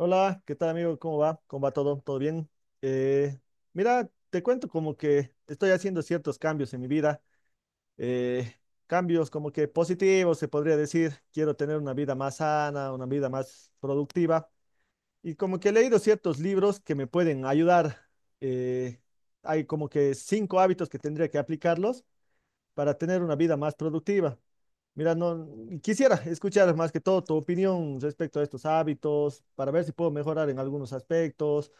Hola, ¿qué tal amigo? ¿Cómo va? ¿Cómo va todo? ¿Todo bien? Eh, Mira, te cuento como que estoy haciendo ciertos cambios en mi vida, eh, cambios como que positivos, se podría decir. Quiero tener una vida más sana, una vida más productiva y como que he leído ciertos libros que me pueden ayudar. Eh, Hay como que cinco hábitos que tendría que aplicarlos para tener una vida más productiva. Mira, no quisiera escuchar más que todo tu opinión respecto a estos hábitos, para ver si puedo mejorar en algunos aspectos.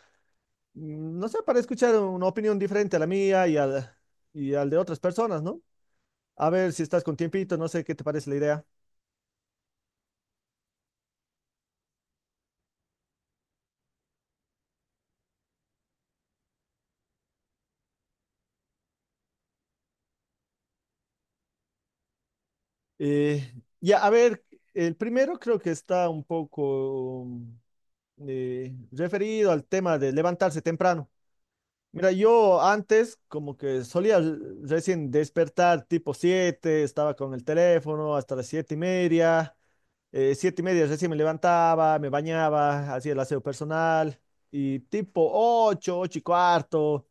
No sé, para escuchar una opinión diferente a la mía y al de otras personas, ¿no? A ver si estás con tiempito, no sé qué te parece la idea. Eh, ya, a ver, el primero creo que está un poco referido al tema de levantarse temprano. Mira, yo antes como que recién despertar tipo 7, estaba con el teléfono hasta las 7 y media, 7 y media recién me levantaba, me bañaba, hacía el aseo personal y tipo 8, 8 y cuarto,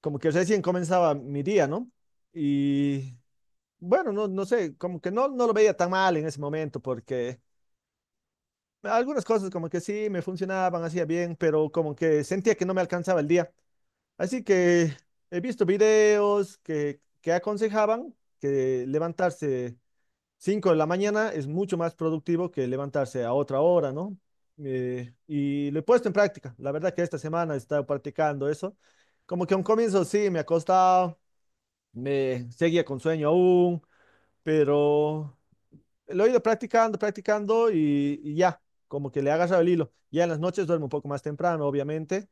como que recién comenzaba mi día, ¿no? Y bueno, no sé, como que no lo veía tan mal en ese momento porque algunas cosas como que sí me funcionaban, hacía bien, pero como que sentía que no me alcanzaba el día. Así que he visto videos que aconsejaban que levantarse 5 de la mañana es mucho más productivo que levantarse a otra hora, ¿no? Y lo he puesto en práctica. La verdad que esta semana he estado practicando eso. Como que a un comienzo sí me ha costado, me seguía con sueño aún, pero lo he ido practicando, practicando y ya, como que le he agarrado el hilo. Ya en las noches duermo un poco más temprano, obviamente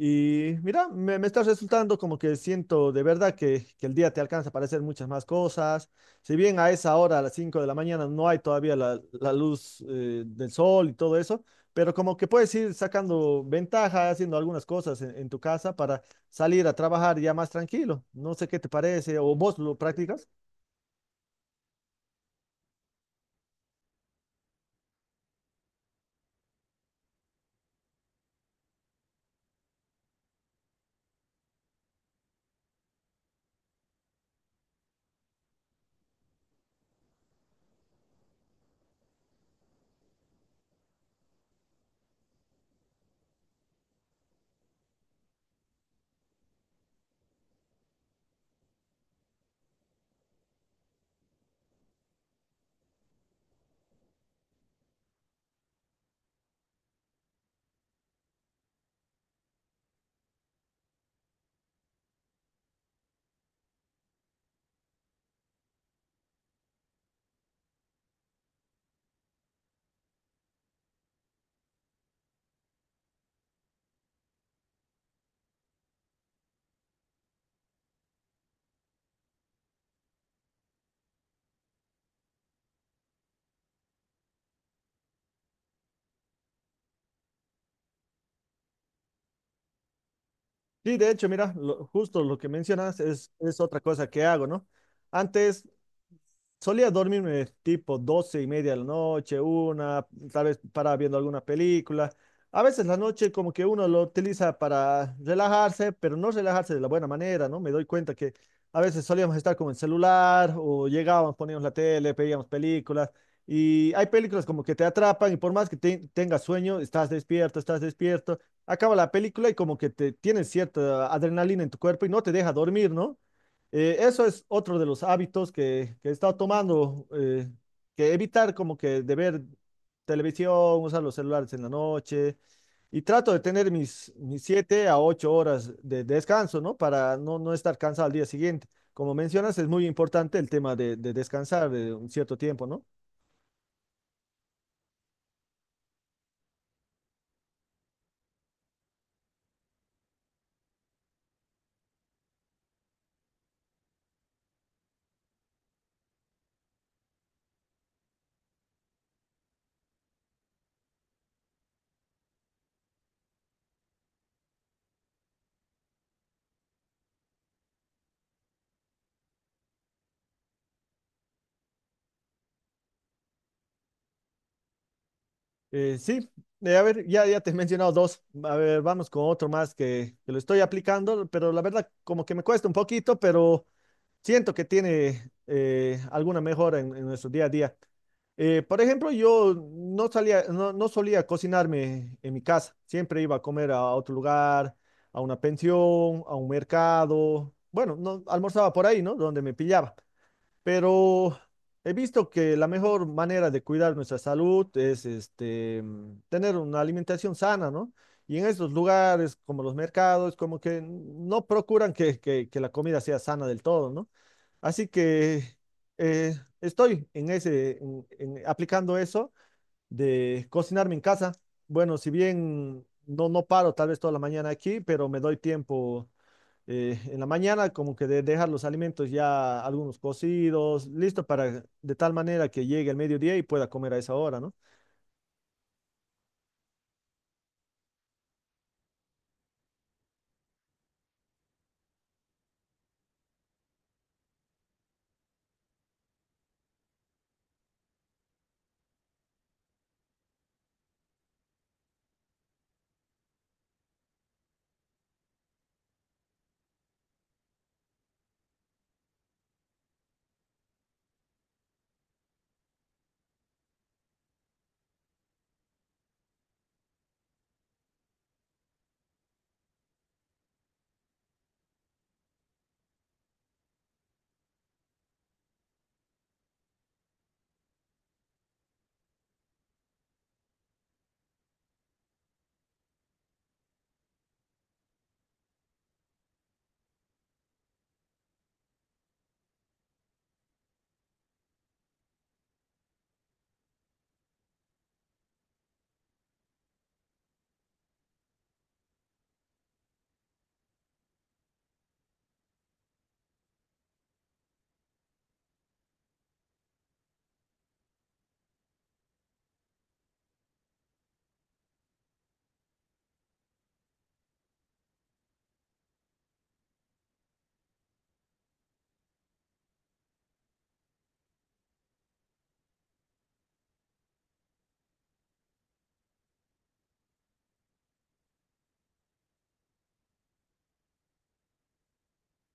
y mira, me está resultando como que siento de verdad que el día te alcanza para hacer muchas más cosas. Si bien a esa hora, a las 5 de la mañana, no hay todavía la luz del sol y todo eso, pero como que puedes ir sacando ventaja, haciendo algunas cosas en tu casa para salir a trabajar ya más tranquilo. No sé qué te parece o vos lo practicas. Sí, de hecho, mira, justo lo que mencionas es otra cosa que hago, ¿no? Antes solía dormirme tipo 12 y media de la noche, una, tal vez paraba viendo alguna película. A veces la noche como que uno lo utiliza para relajarse, pero no relajarse de la buena manera, ¿no? Me doy cuenta que a veces solíamos estar con el celular o llegábamos, poníamos la tele, pedíamos películas y hay películas como que te atrapan y por más que tengas sueño, estás despierto, acaba la película y como que te tienes cierta adrenalina en tu cuerpo y no te deja dormir, ¿no? Eso es otro de los hábitos que he estado tomando, que evitar como que de ver televisión, usar los celulares en la noche y trato de tener mis 7 a 8 horas de descanso, ¿no? Para no estar cansado al día siguiente. Como mencionas, es muy importante el tema de descansar de un cierto tiempo, ¿no? Sí, a ver, ya te he mencionado dos. A ver, vamos con otro más que lo estoy aplicando, pero la verdad como que me cuesta un poquito, pero siento que tiene alguna mejora en nuestro día a día. Por ejemplo, yo no salía, no solía cocinarme en mi casa. Siempre iba a comer a otro lugar, a una pensión, a un mercado. Bueno, no almorzaba por ahí, ¿no? Donde me pillaba. Pero he visto que la mejor manera de cuidar nuestra salud es este, tener una alimentación sana, ¿no? Y en estos lugares, como los mercados, como que no procuran que la comida sea sana del todo, ¿no? Así que eh, estoy en ese, aplicando eso de cocinarme en casa. Bueno, si bien no paro tal vez toda la mañana aquí, pero me doy tiempo en la mañana como que de dejar los alimentos ya algunos cocidos, listo para de tal manera que llegue el mediodía y pueda comer a esa hora, ¿no?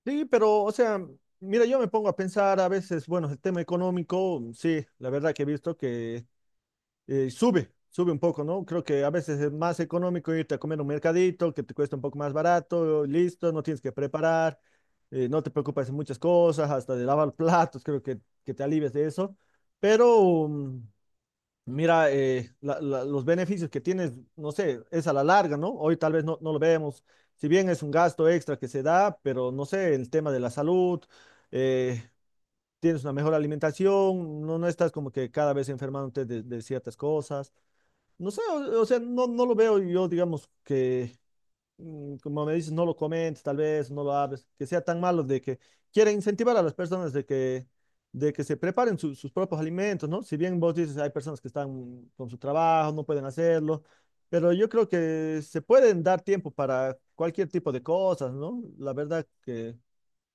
Sí, pero o sea, mira, yo me pongo a pensar a veces, bueno, el tema económico, sí, la verdad que he visto que sube, sube un poco, ¿no? Creo que a veces es más económico irte a comer un mercadito que te cuesta un poco más barato, listo, no tienes que preparar, no te preocupas de muchas cosas, hasta de lavar platos, creo que te alivias de eso. Pero mira, los beneficios que tienes, no sé, es a la larga, ¿no? Hoy tal vez no lo vemos, si bien es un gasto extra que se da, pero no sé, el tema de la salud, eh, tienes una mejor alimentación, no estás como que cada vez enfermándote de ciertas cosas. No sé, o sea, no lo veo yo, digamos, que, como me dices, no lo comentes, tal vez, no lo hables, que sea tan malo de que quiere incentivar a las personas de de que se preparen sus propios alimentos, ¿no? Si bien vos dices, hay personas que están con su trabajo, no pueden hacerlo, pero yo creo que se pueden dar tiempo para cualquier tipo de cosas, ¿no? La verdad que,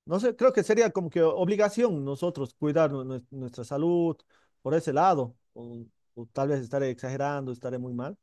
no sé, creo que sería como que obligación nosotros cuidar nuestra salud por ese lado, o tal vez estaré exagerando, estaré muy mal.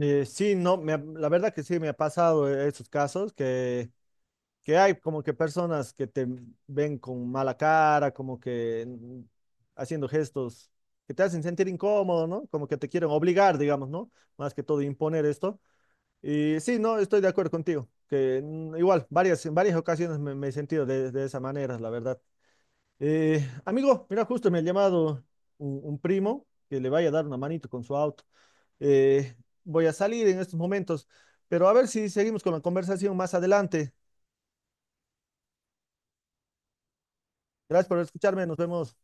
Sí, no, la verdad que sí me ha pasado esos casos que hay como que personas que te ven con mala cara, como que haciendo gestos que te hacen sentir incómodo, ¿no? Como que te quieren obligar, digamos, ¿no? Más que todo imponer esto. Y sí, no, estoy de acuerdo contigo, que igual, en varias ocasiones me he sentido de esa manera, la verdad. Amigo, mira, justo me ha llamado un primo que le vaya a dar una manito con su auto. Eh, Voy a salir en estos momentos, pero a ver si seguimos con la conversación más adelante. Gracias por escucharme, nos vemos.